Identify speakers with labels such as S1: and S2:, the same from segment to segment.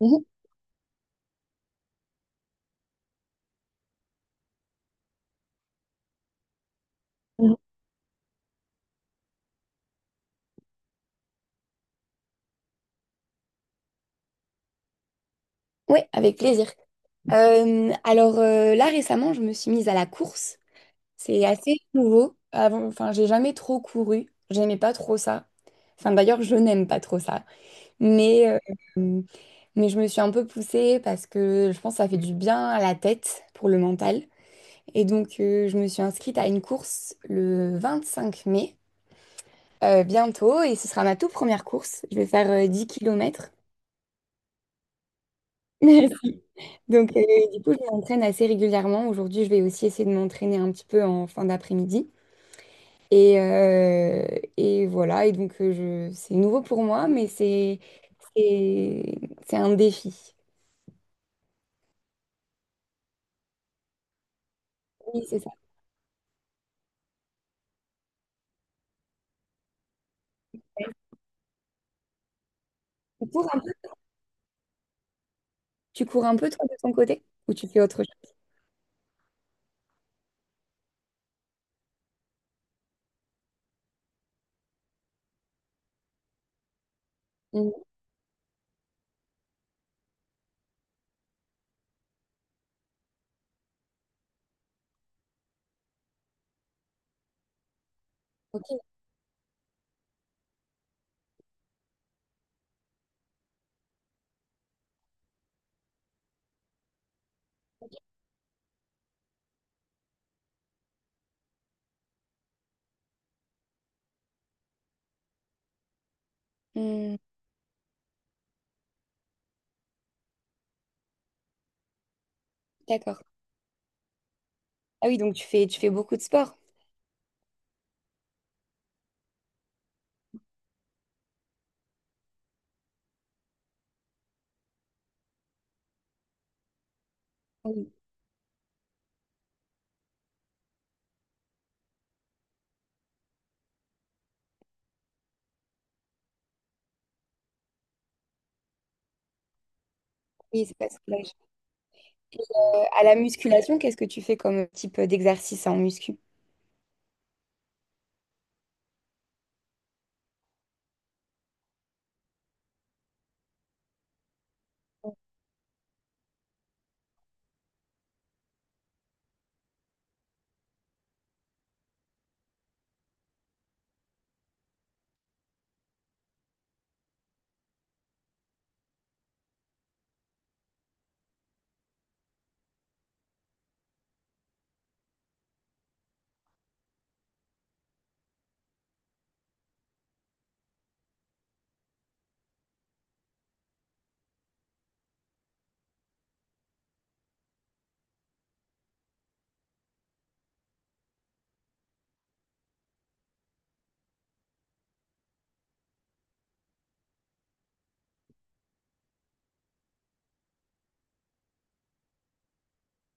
S1: Mhm, mhm. Ouais, avec plaisir. Alors, là récemment, je me suis mise à la course. C'est assez nouveau. Avant, enfin, j'ai jamais trop couru. J'aimais pas trop ça. Enfin, d'ailleurs, je n'aime pas trop ça. Mais, euh, mais je me suis un peu poussée parce que je pense que ça fait du bien à la tête pour le mental. Et donc, je me suis inscrite à une course le 25 mai, bientôt, et ce sera ma toute première course. Je vais faire 10 km. Donc, du coup, je m'entraîne assez régulièrement. Aujourd'hui, je vais aussi essayer de m'entraîner un petit peu en fin d'après-midi. Et, euh, et voilà, et donc c'est nouveau pour moi, mais c'est c'est un défi. Oui, c'est ça. Tu cours un, tu cours un peu, toi, de ton côté, ou tu fais autre chose? Mhm. Ok. Hmm, d'accord. Ah oui, donc tu fais beaucoup de sport. Oui, oui, c'est parce que là, à la musculation, qu'est-ce que tu fais comme type d'exercice en muscu?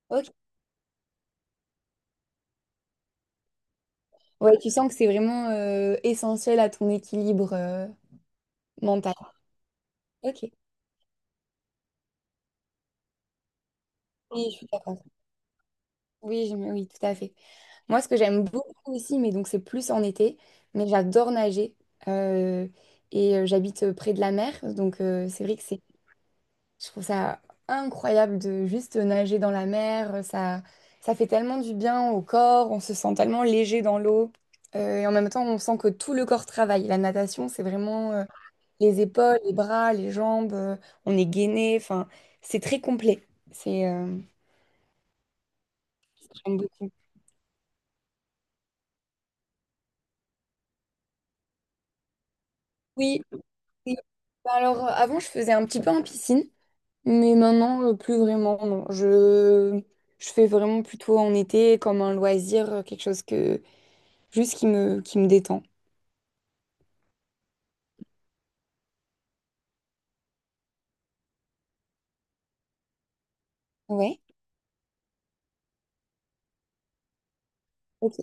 S1: Ok. Ouais, tu sens que c'est vraiment essentiel à ton équilibre mental. Ok, oui, je suis d'accord. Oui, oui, tout à fait. Moi, ce que j'aime beaucoup aussi, mais donc c'est plus en été, mais j'adore nager. Euh, et j'habite près de la mer, donc c'est vrai que je trouve ça incroyable de juste nager dans la mer. Ça fait tellement du bien au corps, on se sent tellement léger dans l'eau. Et en même temps, on sent que tout le corps travaille. La natation, c'est vraiment les épaules, les bras, les jambes, on est gainé, enfin, c'est très complet. C'est, euh, j'aime beaucoup. Oui, oui. Bah alors, avant, je faisais un petit peu en piscine, mais maintenant, plus vraiment, non. Je fais vraiment plutôt en été, comme un loisir, quelque chose que, juste qui me détend. Ouais, ok.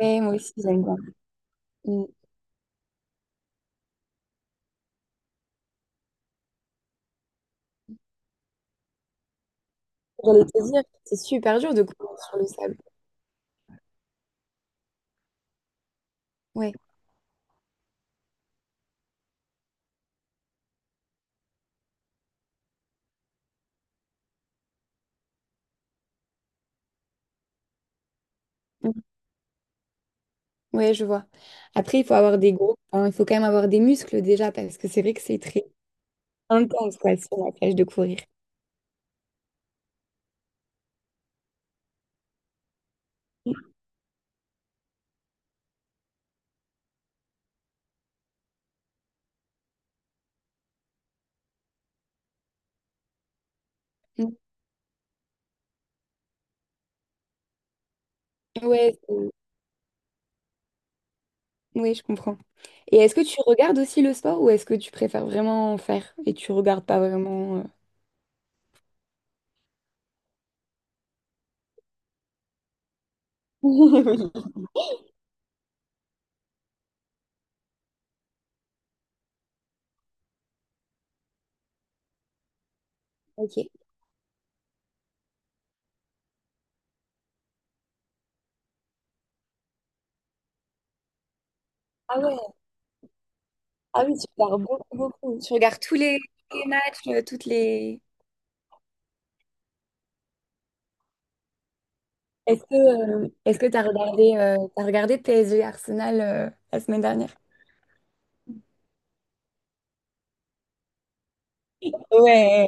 S1: Ouais, moi aussi, j'aime bien. Mm. J'allais te dire, c'est super dur de courir sur le sable. Ouais. Mm. Ouais, je vois. Après, il faut avoir des gros, hein, il faut quand même avoir des muscles déjà, parce que c'est vrai que c'est très intense, quoi, sur la plage de courir. Mm. Ouais, ouais, je comprends. Et est-ce que tu regardes aussi le sport ou est-ce que tu préfères vraiment en faire et tu regardes pas vraiment? Ok. Ah ouais, ah oui, tu regardes beaucoup, beaucoup. Tu regardes tous les matchs, toutes les. Est-ce que t'as regardé PSG Arsenal la semaine dernière? Ouais.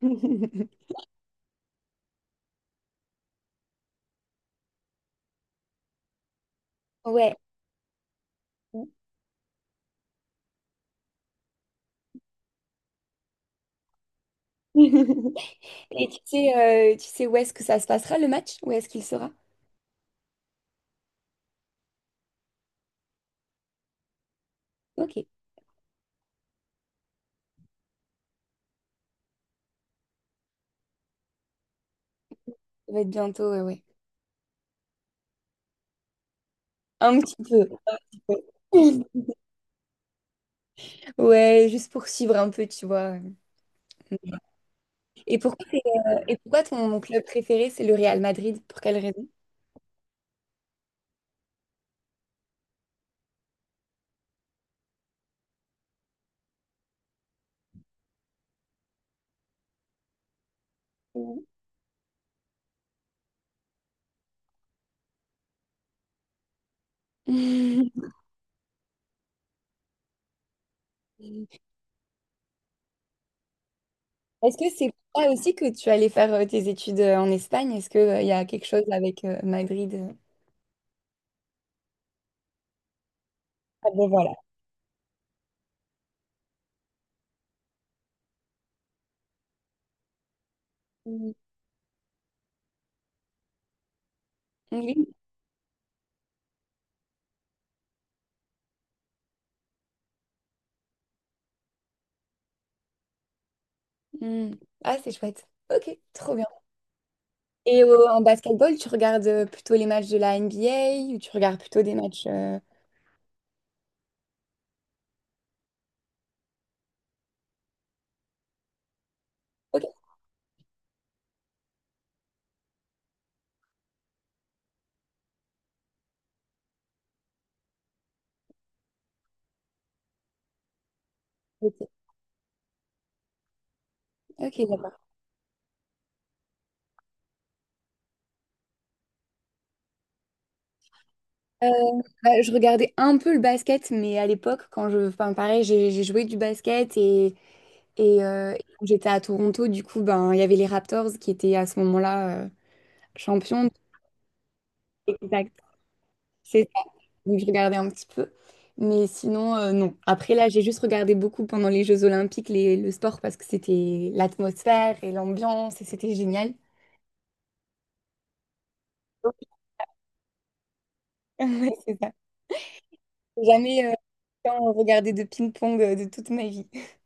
S1: Ouais. Et tu sais où est-ce que ça se passera le match? Où est-ce qu'il sera? Ok, ça va être bientôt, ouais, ouais. Un petit peu. Ouais, juste pour suivre un peu, tu vois. Et pourquoi ton club préféré, c'est le Real Madrid? Pour quelle raison? Mhm. Est-ce que c'est pour ça aussi que tu allais faire tes études en Espagne? Est-ce qu'il y a quelque chose avec Madrid? Ah ben voilà. Mm. Oui. Mm. Ah, c'est chouette. Ok, trop bien. Et en basketball, tu regardes plutôt les matchs de la NBA ou tu regardes plutôt des matchs... Ok, ok, ok, d'accord. Euh, bah, je regardais un peu le basket, mais à l'époque, enfin, pareil, j'ai joué du basket et, et quand j'étais à Toronto, du coup, ben, il y avait les Raptors qui étaient à ce moment-là champions. Exact. C'est ça. Donc, je regardais un petit peu. Mais sinon, non. Après, là, j'ai juste regardé beaucoup pendant les Jeux Olympiques le sport parce que c'était l'atmosphère et l'ambiance et c'était génial. Ouais, c'est ça. J'ai jamais autant regardé de ping-pong de toute ma vie.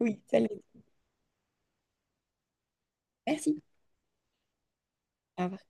S1: Oui, ça l'est. Merci. Au revoir.